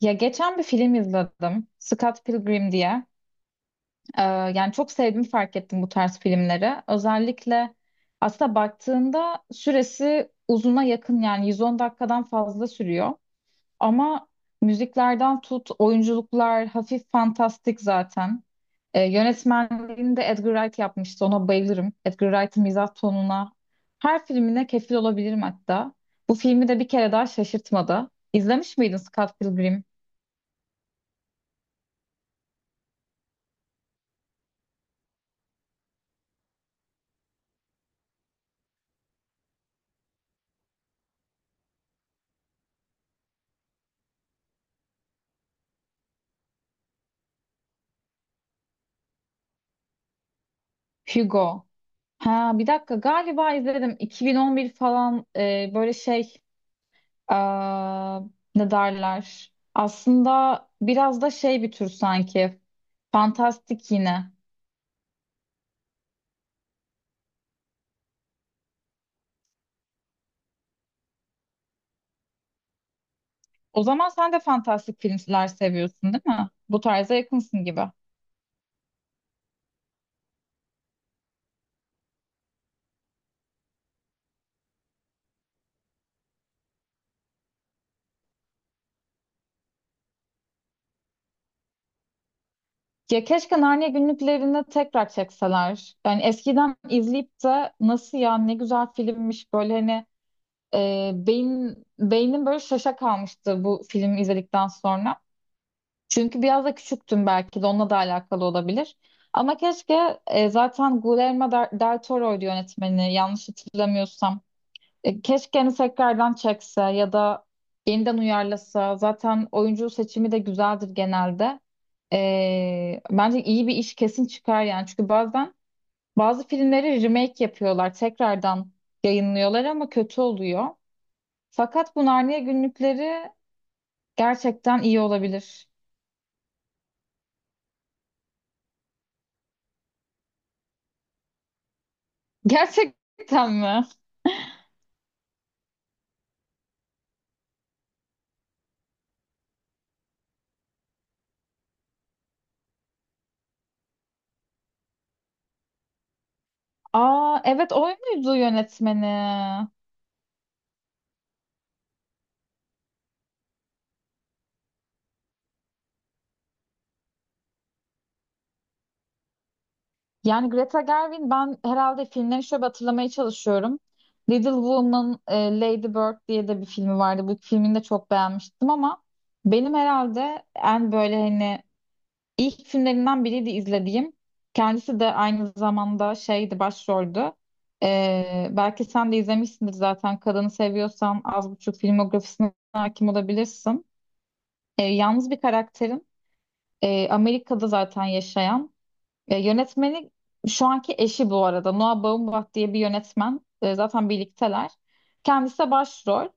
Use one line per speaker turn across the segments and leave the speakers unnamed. Ya geçen bir film izledim. Scott Pilgrim diye. Yani çok sevdiğimi fark ettim bu tarz filmleri. Özellikle aslında baktığında süresi uzuna yakın, yani 110 dakikadan fazla sürüyor. Ama müziklerden tut, oyunculuklar hafif fantastik zaten. Yönetmenliğini de Edgar Wright yapmıştı. Ona bayılırım. Edgar Wright'ın mizah tonuna her filmine kefil olabilirim hatta. Bu filmi de bir kere daha şaşırtmadı. İzlemiş miydin Scott Pilgrim? Hugo. Ha bir dakika, galiba izledim 2011 falan, böyle şey, aa, ne derler, aslında biraz da şey, bir tür sanki fantastik yine. O zaman sen de fantastik filmler seviyorsun değil mi, bu tarza yakınsın gibi. Ya keşke Narnia günlüklerini tekrar çekseler. Yani eskiden izleyip de nasıl ya, ne güzel filmmiş böyle hani. E, beyin beynim böyle şaşa kalmıştı bu filmi izledikten sonra. Çünkü biraz da küçüktüm, belki de onunla da alakalı olabilir. Ama keşke, zaten Guillermo del Toro'ydu yönetmeni yanlış hatırlamıyorsam. Keşke hani tekrardan çekse ya da yeniden uyarlasa. Zaten oyuncu seçimi de güzeldir genelde. Bence iyi bir iş kesin çıkar yani. Çünkü bazen bazı filmleri remake yapıyorlar. Tekrardan yayınlıyorlar ama kötü oluyor. Fakat bu Narnia günlükleri gerçekten iyi olabilir. Gerçekten mi? Aa evet, o muydu yönetmeni? Yani Greta Gerwig, ben herhalde filmlerini şöyle bir hatırlamaya çalışıyorum. Little Woman, Lady Bird diye de bir filmi vardı. Bu filmini de çok beğenmiştim ama benim herhalde en böyle hani ilk filmlerinden biriydi izlediğim. Kendisi de aynı zamanda şeydi, başroldü. Belki sen de izlemişsindir zaten. Kadını seviyorsan az buçuk filmografisine hakim olabilirsin. Yalnız bir karakterin, Amerika'da zaten yaşayan. Ya yönetmeni şu anki eşi bu arada. Noah Baumbach diye bir yönetmen. Zaten birlikteler. Kendisi de başrol.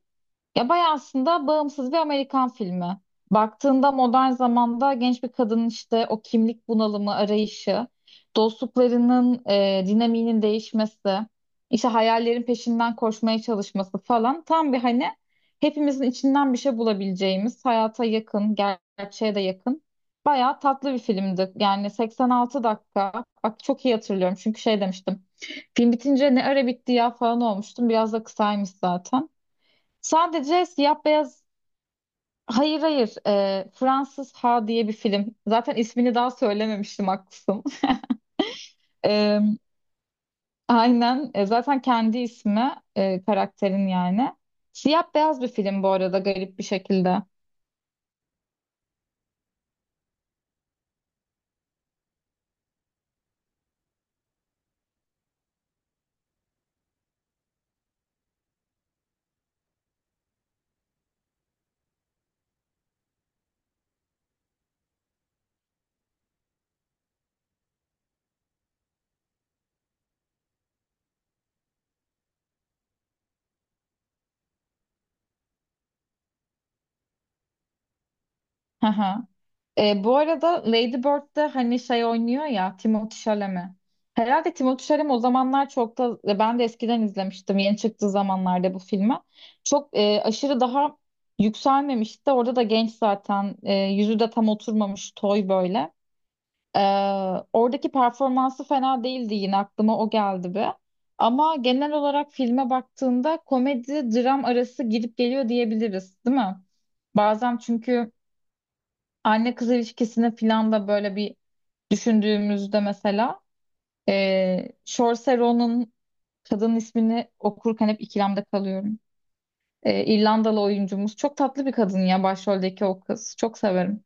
Ya bayağı aslında bağımsız bir Amerikan filmi. Baktığında modern zamanda genç bir kadının işte o kimlik bunalımı, arayışı, dostluklarının dinamiğinin değişmesi, işte hayallerin peşinden koşmaya çalışması falan, tam bir hani hepimizin içinden bir şey bulabileceğimiz, hayata yakın, gerçeğe de yakın. Bayağı tatlı bir filmdi. Yani 86 dakika. Bak çok iyi hatırlıyorum çünkü şey demiştim. Film bitince "ne ara bitti ya" falan olmuştum. Biraz da kısaymış zaten. Sadece siyah beyaz. Hayır hayır, Fransız Ha diye bir film. Zaten ismini daha söylememiştim, haklısın. E, aynen. Zaten kendi ismi, karakterin yani. Siyah beyaz bir film bu arada, garip bir şekilde. Hı hı. Bu arada Lady Bird'de hani şey oynuyor ya, Timothée Chalamet. Herhalde Timothée Chalamet o zamanlar çok da, ben de eskiden izlemiştim yeni çıktığı zamanlarda bu filmi. Çok, aşırı daha yükselmemişti. Orada da genç zaten, yüzü de tam oturmamış, toy böyle. E, Oradaki performansı fena değildi, yine aklıma o geldi bir. Ama genel olarak filme baktığında komedi dram arası gidip geliyor diyebiliriz, değil mi? Bazen çünkü anne kız ilişkisine falan da böyle bir düşündüğümüzde, mesela Saoirse Ronan'ın, kadın ismini okurken hep ikilemde kalıyorum. İrlandalı oyuncumuz. Çok tatlı bir kadın ya, başroldeki o kız. Çok severim.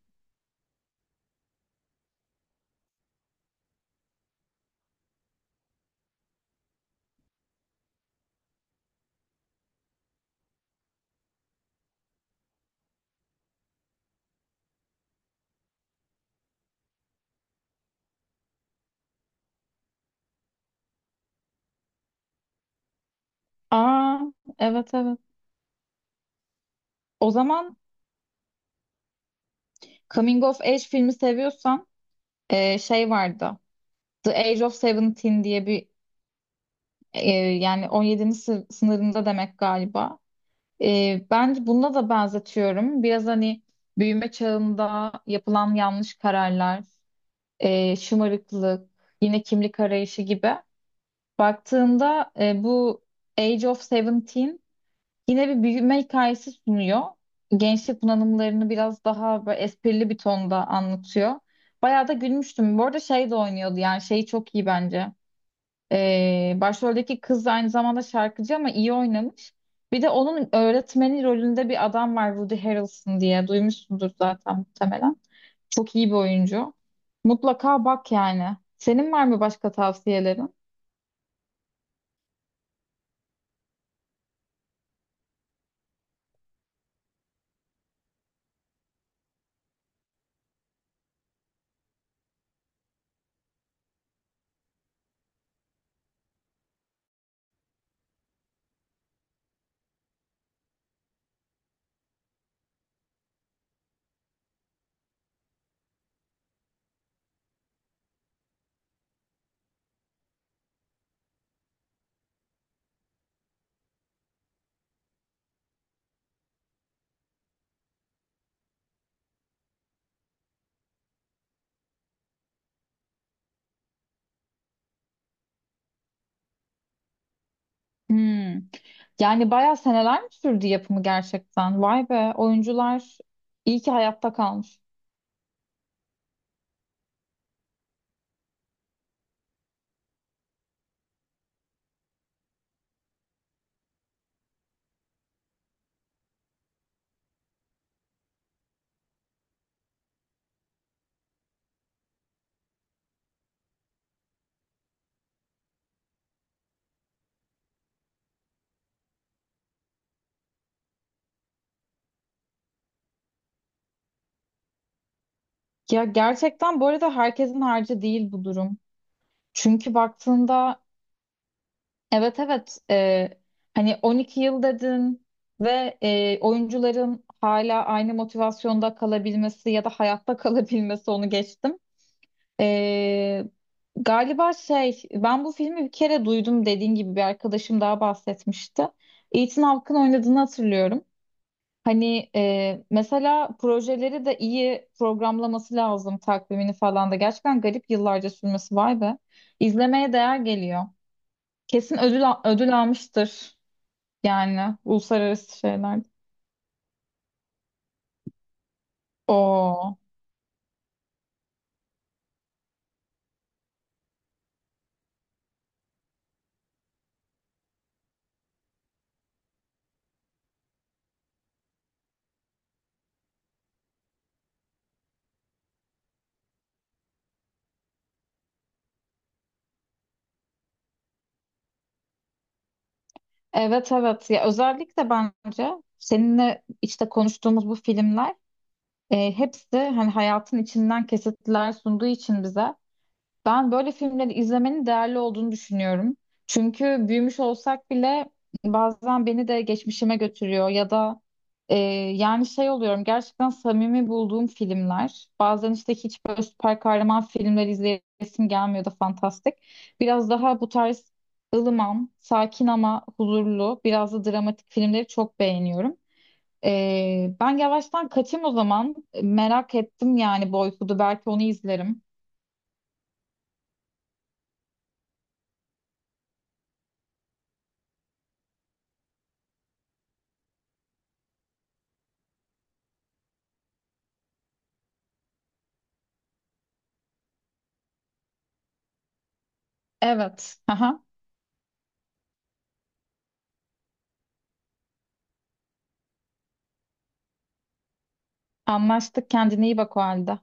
Aa evet evet. O zaman Coming of Age filmi seviyorsan, şey vardı. The Age of Seventeen diye bir, e, yani sınırında demek galiba. Ben bunda da benzetiyorum. Biraz hani büyüme çağında yapılan yanlış kararlar, şımarıklık, yine kimlik arayışı gibi. Baktığında bu Age of Seventeen yine bir büyüme hikayesi sunuyor. Gençlik bunalımlarını biraz daha böyle esprili bir tonda anlatıyor. Bayağı da gülmüştüm. Bu arada şey de oynuyordu yani, şeyi çok iyi bence. Başroldeki kız aynı zamanda şarkıcı ama iyi oynamış. Bir de onun öğretmeni rolünde bir adam var, Woody Harrelson diye, duymuşsundur zaten muhtemelen. Çok iyi bir oyuncu. Mutlaka bak yani. Senin var mı başka tavsiyelerin? Hmm. Yani bayağı seneler mi sürdü yapımı gerçekten? Vay be, oyuncular iyi ki hayatta kalmış. Ya gerçekten bu arada herkesin harcı değil bu durum. Çünkü baktığında, evet evet. Hani 12 yıl dedin ve oyuncuların hala aynı motivasyonda kalabilmesi ya da hayatta kalabilmesi, onu geçtim. Ee, Galiba şey, ben bu filmi bir kere duydum, dediğin gibi bir arkadaşım daha bahsetmişti. Ethan Hawke'ın oynadığını hatırlıyorum. Hani mesela projeleri de iyi programlaması lazım, takvimini falan da. Gerçekten garip, yıllarca sürmesi, vay be. İzlemeye değer geliyor. Kesin ödül, ödül almıştır. Yani uluslararası şeyler. Oo. Evet evet. Ya özellikle bence seninle işte konuştuğumuz bu filmler, hepsi hani hayatın içinden kesitler sunduğu için bize. Ben böyle filmleri izlemenin değerli olduğunu düşünüyorum. Çünkü büyümüş olsak bile bazen beni de geçmişime götürüyor ya da, e, yani şey oluyorum gerçekten samimi bulduğum filmler. Bazen işte hiç böyle süper kahraman filmleri izleyesim gelmiyor da, fantastik. Biraz daha bu tarz ılıman, sakin ama huzurlu, biraz da dramatik filmleri çok beğeniyorum. Ben yavaştan kaçayım o zaman. Merak ettim yani Boyhood'u. Belki onu izlerim. Evet. Aha. Anlaştık. Kendine iyi bak o halde.